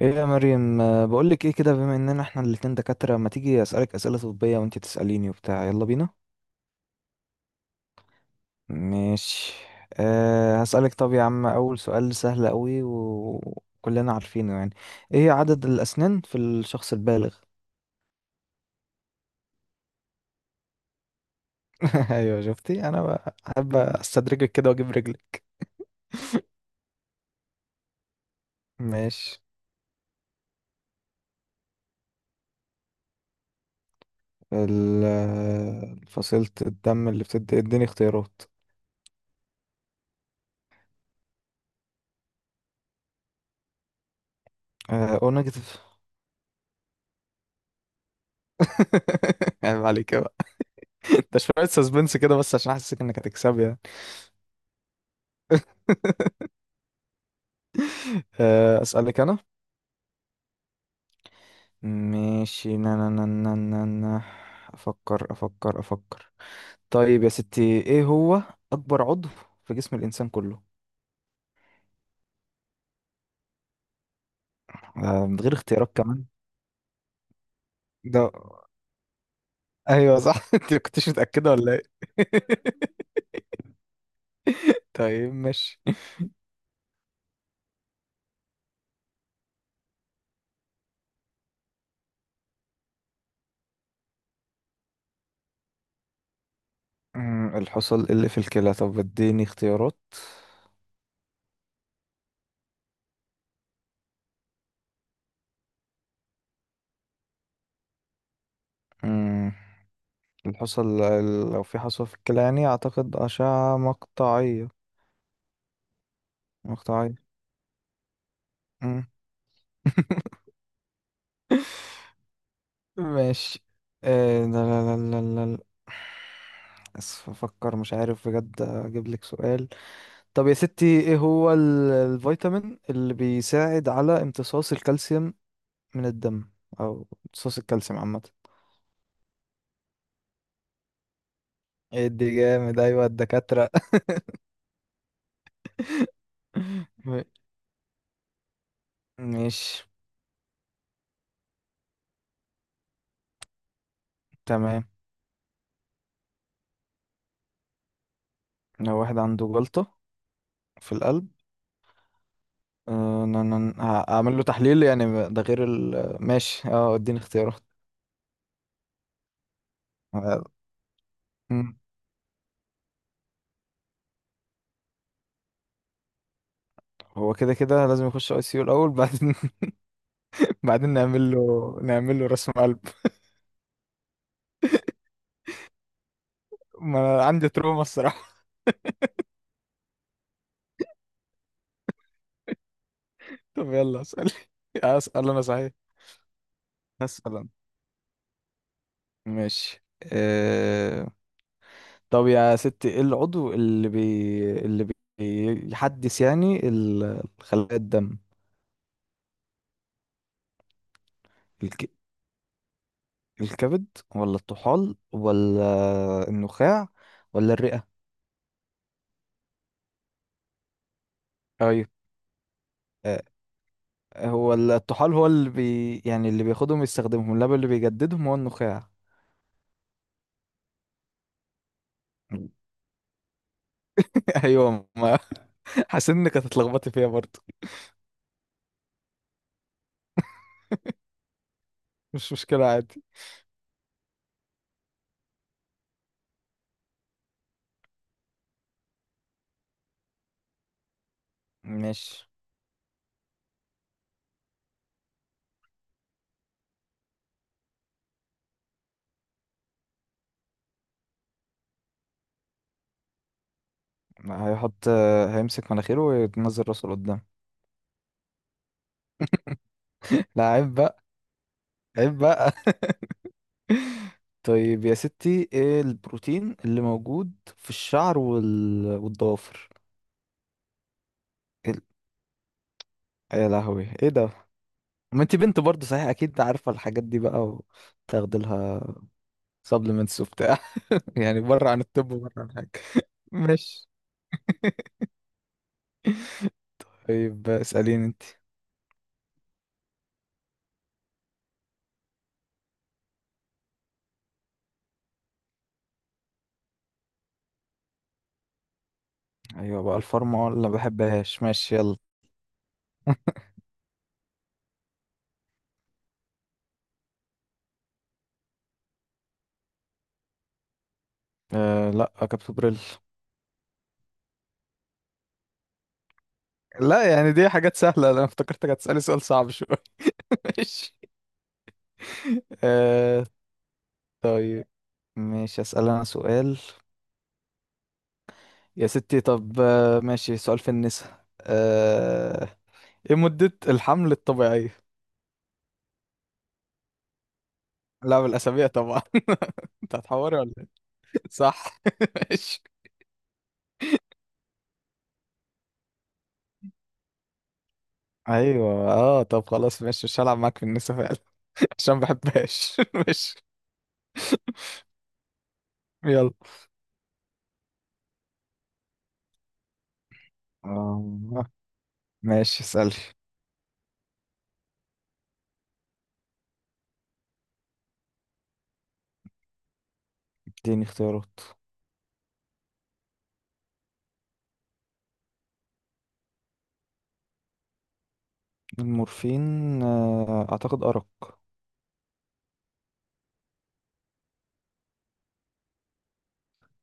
ايه يا مريم، بقولك ايه كده. بما اننا احنا الاتنين دكاترة، ما تيجي اسألك اسئلة طبية وانتي تسأليني وبتاع. يلا بينا. ماشي. هسألك، طب يا عم، اول سؤال سهل قوي وكلنا عارفينه يعني. ايه عدد الاسنان في الشخص البالغ؟ ايوه، شفتي؟ انا بحب استدرجك كده واجيب رجلي. ماشي. فصيلة الدم اللي بتدي، اديني اختيارات. او نيجاتيف. عيب عليك بقى. ده شوية سسبنس كده، بس عشان احسسك انك هتكسبي يعني. أسألك أنا. ماشي، نا نا نا نا نا نا. أفكر أفكر. طيب يا ستي، إيه هو أكبر عضو في جسم الإنسان كله؟ من غير اختيارات كمان؟ ده أيوه صح. أنت ما كنتش متأكدة ولا إيه؟ طيب ماشي. الحصى اللي في الكلى؟ طب اديني اختيارات. أمم، الحصى لو في حصوة في الكلى يعني أعتقد أشعة مقطعية. مقطعية. أمم. ماشي. لا. اسف، افكر مش عارف بجد اجيب لك سؤال. طب يا ستي، ايه هو الفيتامين اللي بيساعد على امتصاص الكالسيوم من الدم، او امتصاص الكالسيوم عامة؟ ايه دي جامد، ايوه الدكاترة. م- ماشي. تمام. لو واحد عنده جلطة في القلب، هعمل له تحليل، يعني ده غير ال ماشي. اه اديني اختيارات. هو كده كده لازم يخش اي سي يو الاول، بعدين بعدين نعمل له، نعمل له رسم قلب. ما انا عندي تروما الصراحه. طب يلا اسال اسال انا صحيح. اسال انا. ماشي. أه... طب يا ستي، ايه العضو اللي بيحدث يعني خلايا الدم؟ الك... الكبد ولا الطحال ولا النخاع ولا الرئه؟ ايوه. أه... هو الطحال هو يعني اللي بياخدهم يستخدمهم، لا اللي بيجددهم هو النخاع. ايوه، ما حاسس انك هتتلخبطي فيها برضه. مش مشكله عادي. ماشي. هيحط هيمسك مناخيره وينزل راسه لقدام. لا عيب بقى، عيب بقى. طيب يا ستي، ايه البروتين اللي موجود في الشعر والضوافر؟ إيه يا لهوي ايه ده! ما انت بنت برضه صحيح، اكيد عارفه الحاجات دي بقى، وتاخدي لها سبلمنتس وبتاع. يعني بره عن الطب وبره عن حاجه. ماشي. طيب اساليني انت. ايوه بقى، الفارما ولا ما بحبهاش. ماشي يلا. آه لا، كابتن بريل. لا يعني دي حاجات سهلة، انا افتكرتك هتسألي سؤال صعب شوية. ماشي. آه. طيب ماشي، اسال انا سؤال. يا ستي طب آه ماشي، سؤال في النساء آه. ايه مدة الحمل الطبيعية؟ لا، بالأسابيع طبعا. انت هتحوري ولا ايه؟ صح. ماشي. ايوه اه، طب خلاص ماشي مش هلعب معاك في النساء فعلا. عشان ما بحبهاش. ماشي. يلا. آه ماشي، اسألي. اديني اختيارات. المورفين، اعتقد ارق.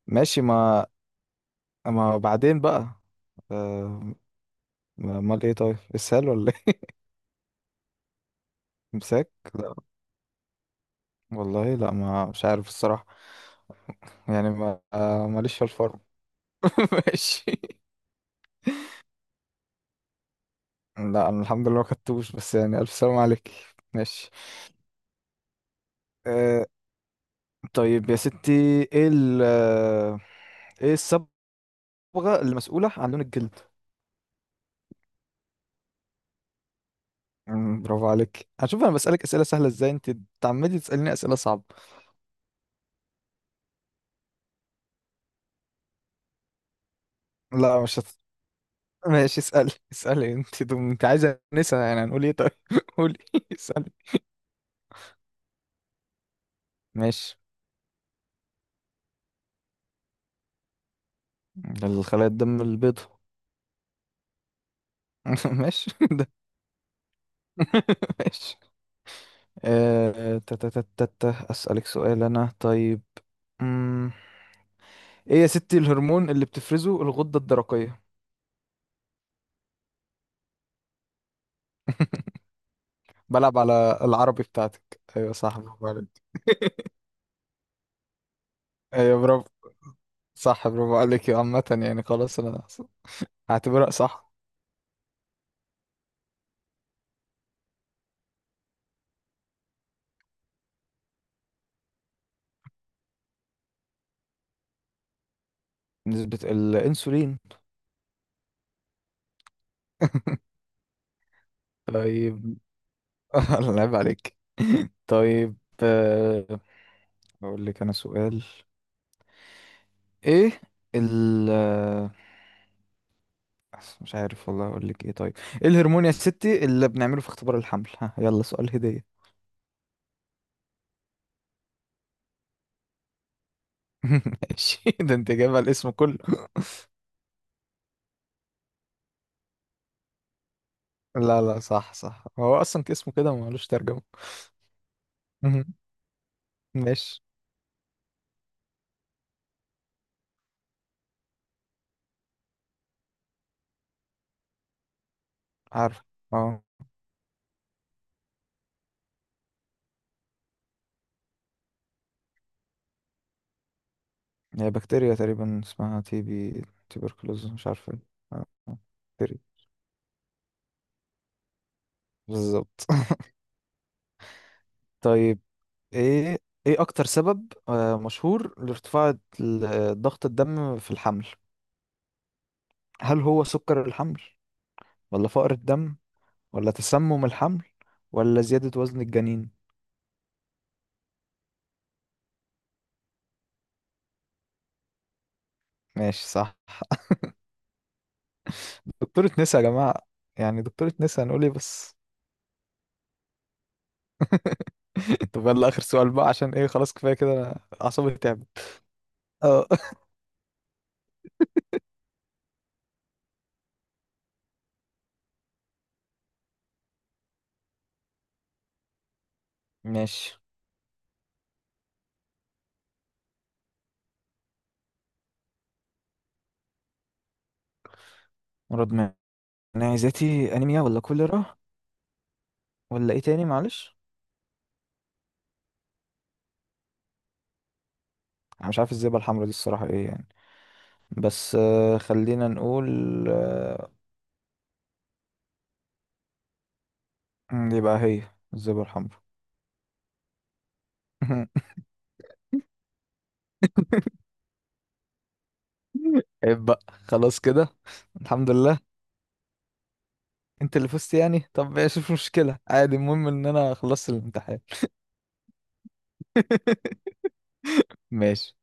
ماشي ما، ما بعدين بقى. آه، امال ايه طيب، اسهال ولا ايه؟ امساك؟ لا والله، لا ما مش عارف الصراحة. يعني ما ماليش في الفرم. ماشي. لا انا الحمد لله ما خدتوش، بس يعني الف سلام عليك. ماشي. أه. طيب يا ستي، ايه ال آه، ايه الصبغة المسؤولة عن لون الجلد؟ مم، برافو عليك. هشوف انا بسألك اسئلة سهلة ازاي، انت تعمدي تسأليني اسئلة صعبة. لا مش هت... ماشي، اسألي اسألي انت. دم... انت عايزة نسأل، يعني هنقول ايه طيب. قولي، اسألي. ماشي. الخلايا الدم البيضاء. ماشي ده. ماشي. آه، آه، تا- تا- تا- تا- تا. أسألك سؤال أنا طيب. مم. إيه يا ستي الهرمون اللي بتفرزه الغدة الدرقية؟ بلعب على العربي بتاعتك. ايوه صح، برافو عليك. ايوه برافو، صح برافو عليك يا عامة، يعني خلاص انا هعتبرها صح. نسبة الأنسولين. طيب. الله يعيب عليك. طيب. آه، اقول لك انا سؤال. ايه ال آه، مش عارف والله اقول لك ايه طيب. ايه الهرمون يا ستي اللي بنعمله في اختبار الحمل؟ ها، يلا سؤال هدية. ماشي، ده انت جايبها الاسم كله. لا لا صح صح، هو اصلا اسمه كده ملوش ترجمة. مهم. ماشي. عارف. اه هي بكتيريا تقريبا اسمها تي بي، تيبركلوز مش عارف ايه. آه، آه، بكتيريا. بالظبط. طيب. ايه ايه اكتر سبب مشهور لارتفاع ضغط الدم في الحمل؟ هل هو سكر الحمل ولا فقر الدم ولا تسمم الحمل ولا زيادة وزن الجنين؟ ماشي صح. دكتورة نسا يا جماعة! يعني دكتورة نسا، هنقول ايه بس. طب يلا اخر سؤال بقى، عشان ايه خلاص كفاية كده، انا اعصابي تعبت. اه. ماشي. مرض مناعي ذاتي، انيميا ولا كوليرا ولا ايه تاني معلش؟ انا مش عارف الزبدة الحمراء دي الصراحة ايه يعني، بس خلينا نقول. آه، يبقى هي الزبرة الحمراء. عيب بقى، خلاص كده. الحمد لله. انت اللي فزت يعني، طب ماشي مش مشكلة عادي، المهم ان انا خلصت الامتحان. ماشي.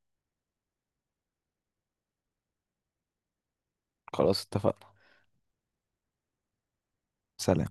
خلاص اتفقنا. سلام.